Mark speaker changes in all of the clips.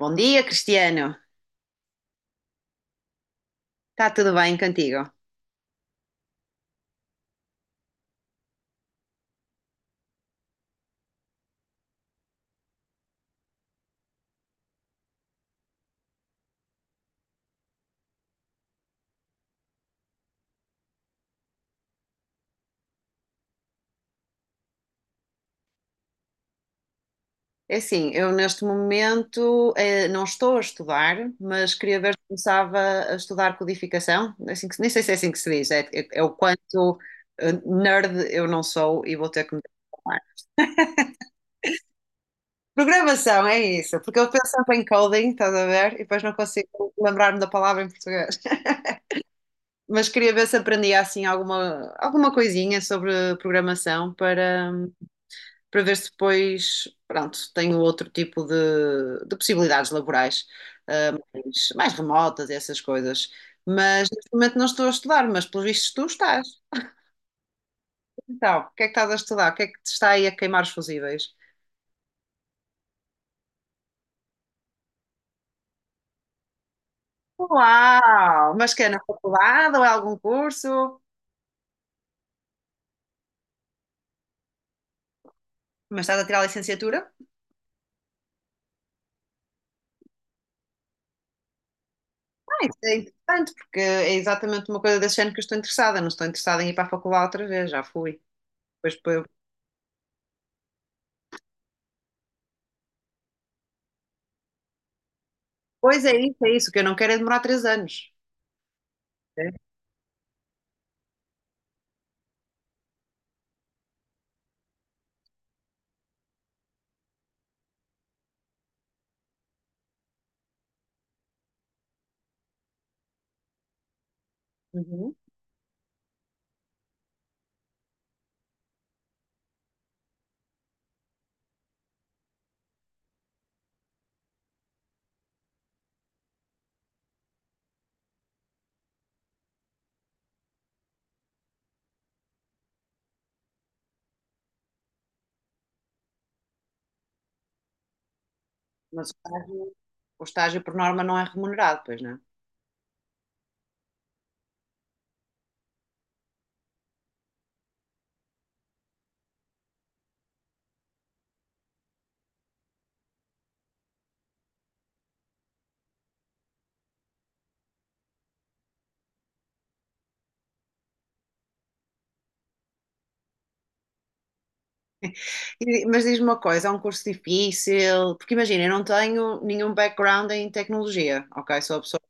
Speaker 1: Bom dia, Cristiano. Está tudo bem contigo? É assim, eu neste momento não estou a estudar, mas queria ver se começava a estudar codificação. Nem sei se é assim que se diz, é o quanto nerd eu não sou e vou ter que me transformar. Programação, é isso, porque eu pensava em coding, estás a ver, e depois não consigo lembrar-me da palavra em português. Mas queria ver se aprendia assim alguma coisinha sobre programação para. Para ver se depois, pronto, tenho outro tipo de possibilidades laborais, ah, mais remotas, e essas coisas. Mas neste momento não estou a estudar, mas pelos vistos tu estás. Então, o que é que estás a estudar? O que é que te está aí a queimar os fusíveis? Uau! Mas que é na faculdade ou é algum curso? Mas estás a tirar a licenciatura? Ah, isso é interessante, porque é exatamente uma coisa desse género que eu estou interessada. Não estou interessada em ir para a faculdade outra vez, já fui. Pois, pois pois é isso, é isso. O que eu não quero é demorar 3 anos. É? Mas o estágio, por norma não é remunerado, pois não? Mas diz-me uma coisa, é um curso difícil, porque imagina, eu não tenho nenhum background em tecnologia, ok? Sou a pessoa,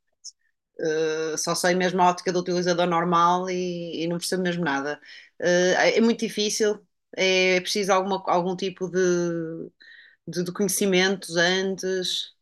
Speaker 1: só sei mesmo a ótica do utilizador normal e não percebo mesmo nada. Eh, é muito difícil, é preciso algum tipo de conhecimentos antes.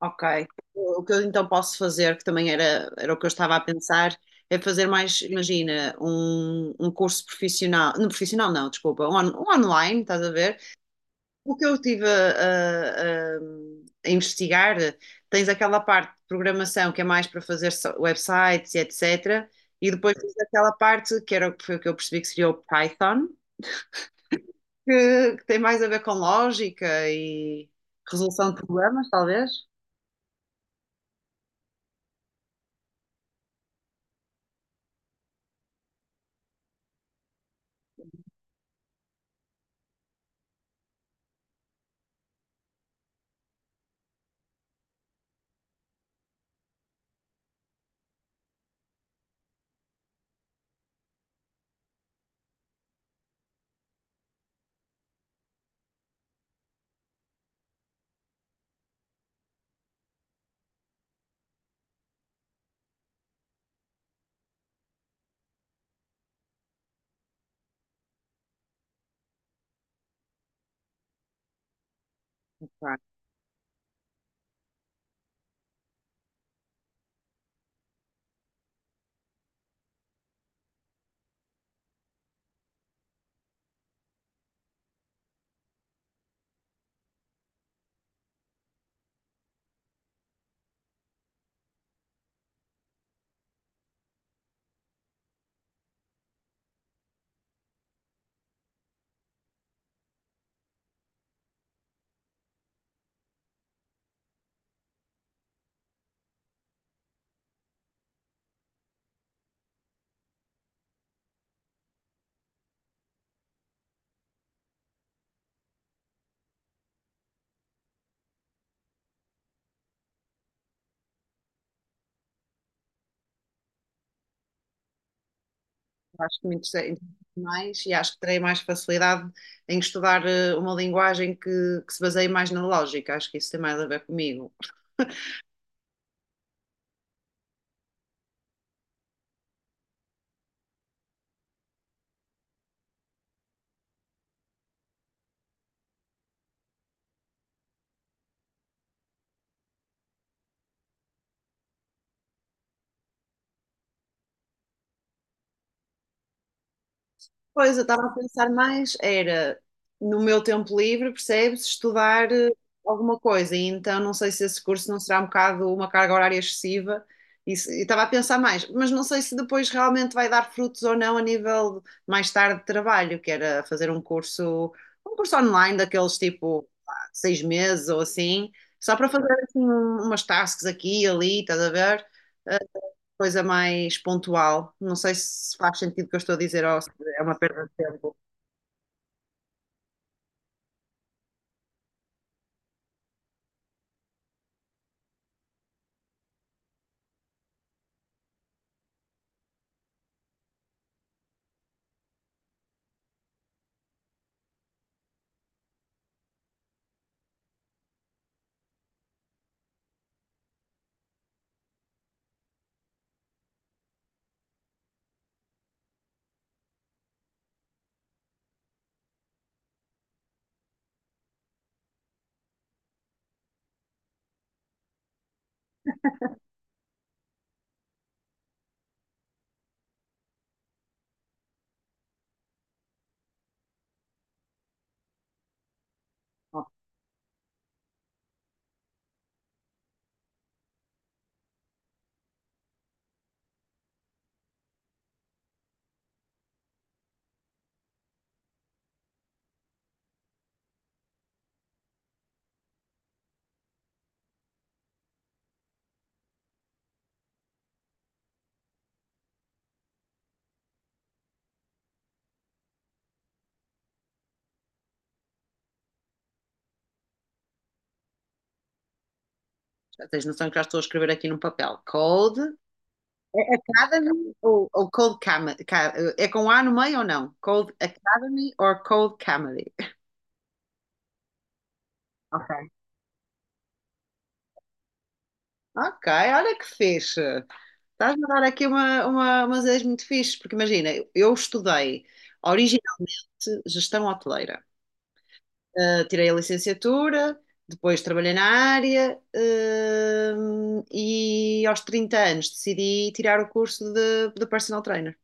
Speaker 1: Ok. O que eu então posso fazer, que também era o que eu estava a pensar, é fazer mais, imagina, um curso profissional não, desculpa, um online, estás a ver? O que eu estive investigar, tens aquela parte de programação que é mais para fazer websites e etc. E depois tens aquela parte que era, o que foi o que eu percebi que seria o Python, que tem mais a ver com lógica e resolução de problemas, talvez. Acho que me interessei mais e acho que terei mais facilidade em estudar uma linguagem que se baseie mais na lógica. Acho que isso tem mais a ver comigo. Pois, eu estava a pensar mais, era no meu tempo livre, percebes, estudar alguma coisa, e então não sei se esse curso não será um bocado uma carga horária excessiva, e se- e estava a pensar mais, mas não sei se depois realmente vai dar frutos ou não a nível de- mais tarde de trabalho, que era fazer um curso online daqueles tipo pá, 6 meses ou assim, só para fazer assim umas tasks aqui e ali, estás a ver? Coisa mais pontual. Não sei se faz sentido o que eu estou a dizer ou se é uma perda de tempo. Não, já tens noção que já estou a escrever aqui num papel. Cold É Academy ou Cold Comedy? É com A no meio ou não? Cold Academy ou Cold Comedy? Ok. Ok, olha que fixe. Estás-me a dar aqui umas ideias muito fixe, porque imagina, eu estudei originalmente gestão hoteleira. Tirei a licenciatura, depois trabalhei na área, e aos 30 anos decidi tirar o curso de personal trainer.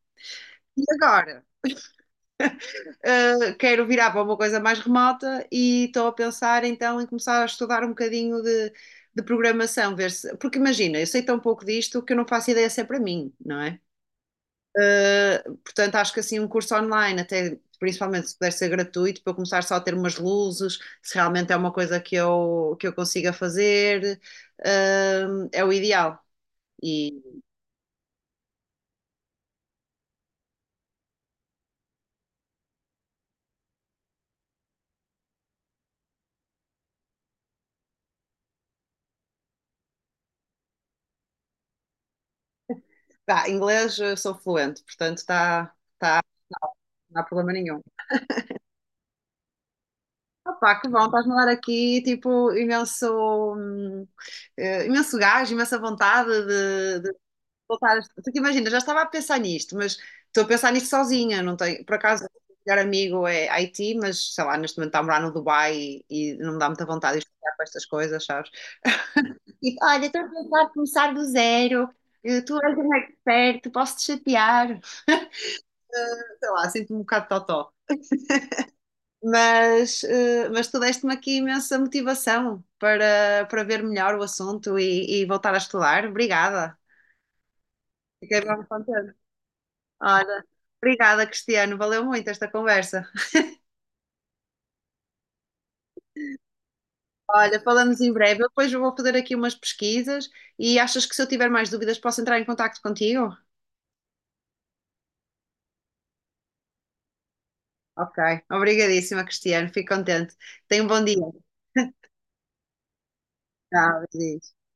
Speaker 1: E agora? Quero virar para uma coisa mais remota e estou a pensar então em começar a estudar um bocadinho de programação, ver se. Porque imagina, eu sei tão pouco disto que eu não faço ideia se é para mim, não é? Portanto, acho que assim um curso online, até principalmente se puder ser gratuito, para eu começar só a ter umas luzes, se realmente é uma coisa que que eu consiga fazer, é o ideal. E pá, inglês eu sou fluente, portanto tá não há problema nenhum. Opa, que bom, estás-me a dar aqui tipo imenso, eh, imenso gás, imensa vontade voltar. Porque imagina, já estava a pensar nisto, mas estou a pensar nisto sozinha, não tenho, por acaso, o meu melhor amigo é Haiti, mas sei lá, neste momento está a morar no Dubai e não me dá muita vontade de estudar para estas coisas, sabes? E olha, estou a pensar em começar do zero, eh, tu és um expert, posso-te chatear. Sei lá, sinto-me um bocado totó. Mas, eh, mas tu deste-me aqui imensa motivação para ver melhor o assunto e voltar a estudar. Obrigada. Fiquei bem contente. Olha, obrigada, Cristiano. Valeu muito esta conversa. Olha, falamos em breve. Eu depois vou fazer aqui umas pesquisas e achas que se eu tiver mais dúvidas posso entrar em contacto contigo? Ok, obrigadíssima, Cristiano. Fico contente. Tenha um bom dia. Tchau, beijinho.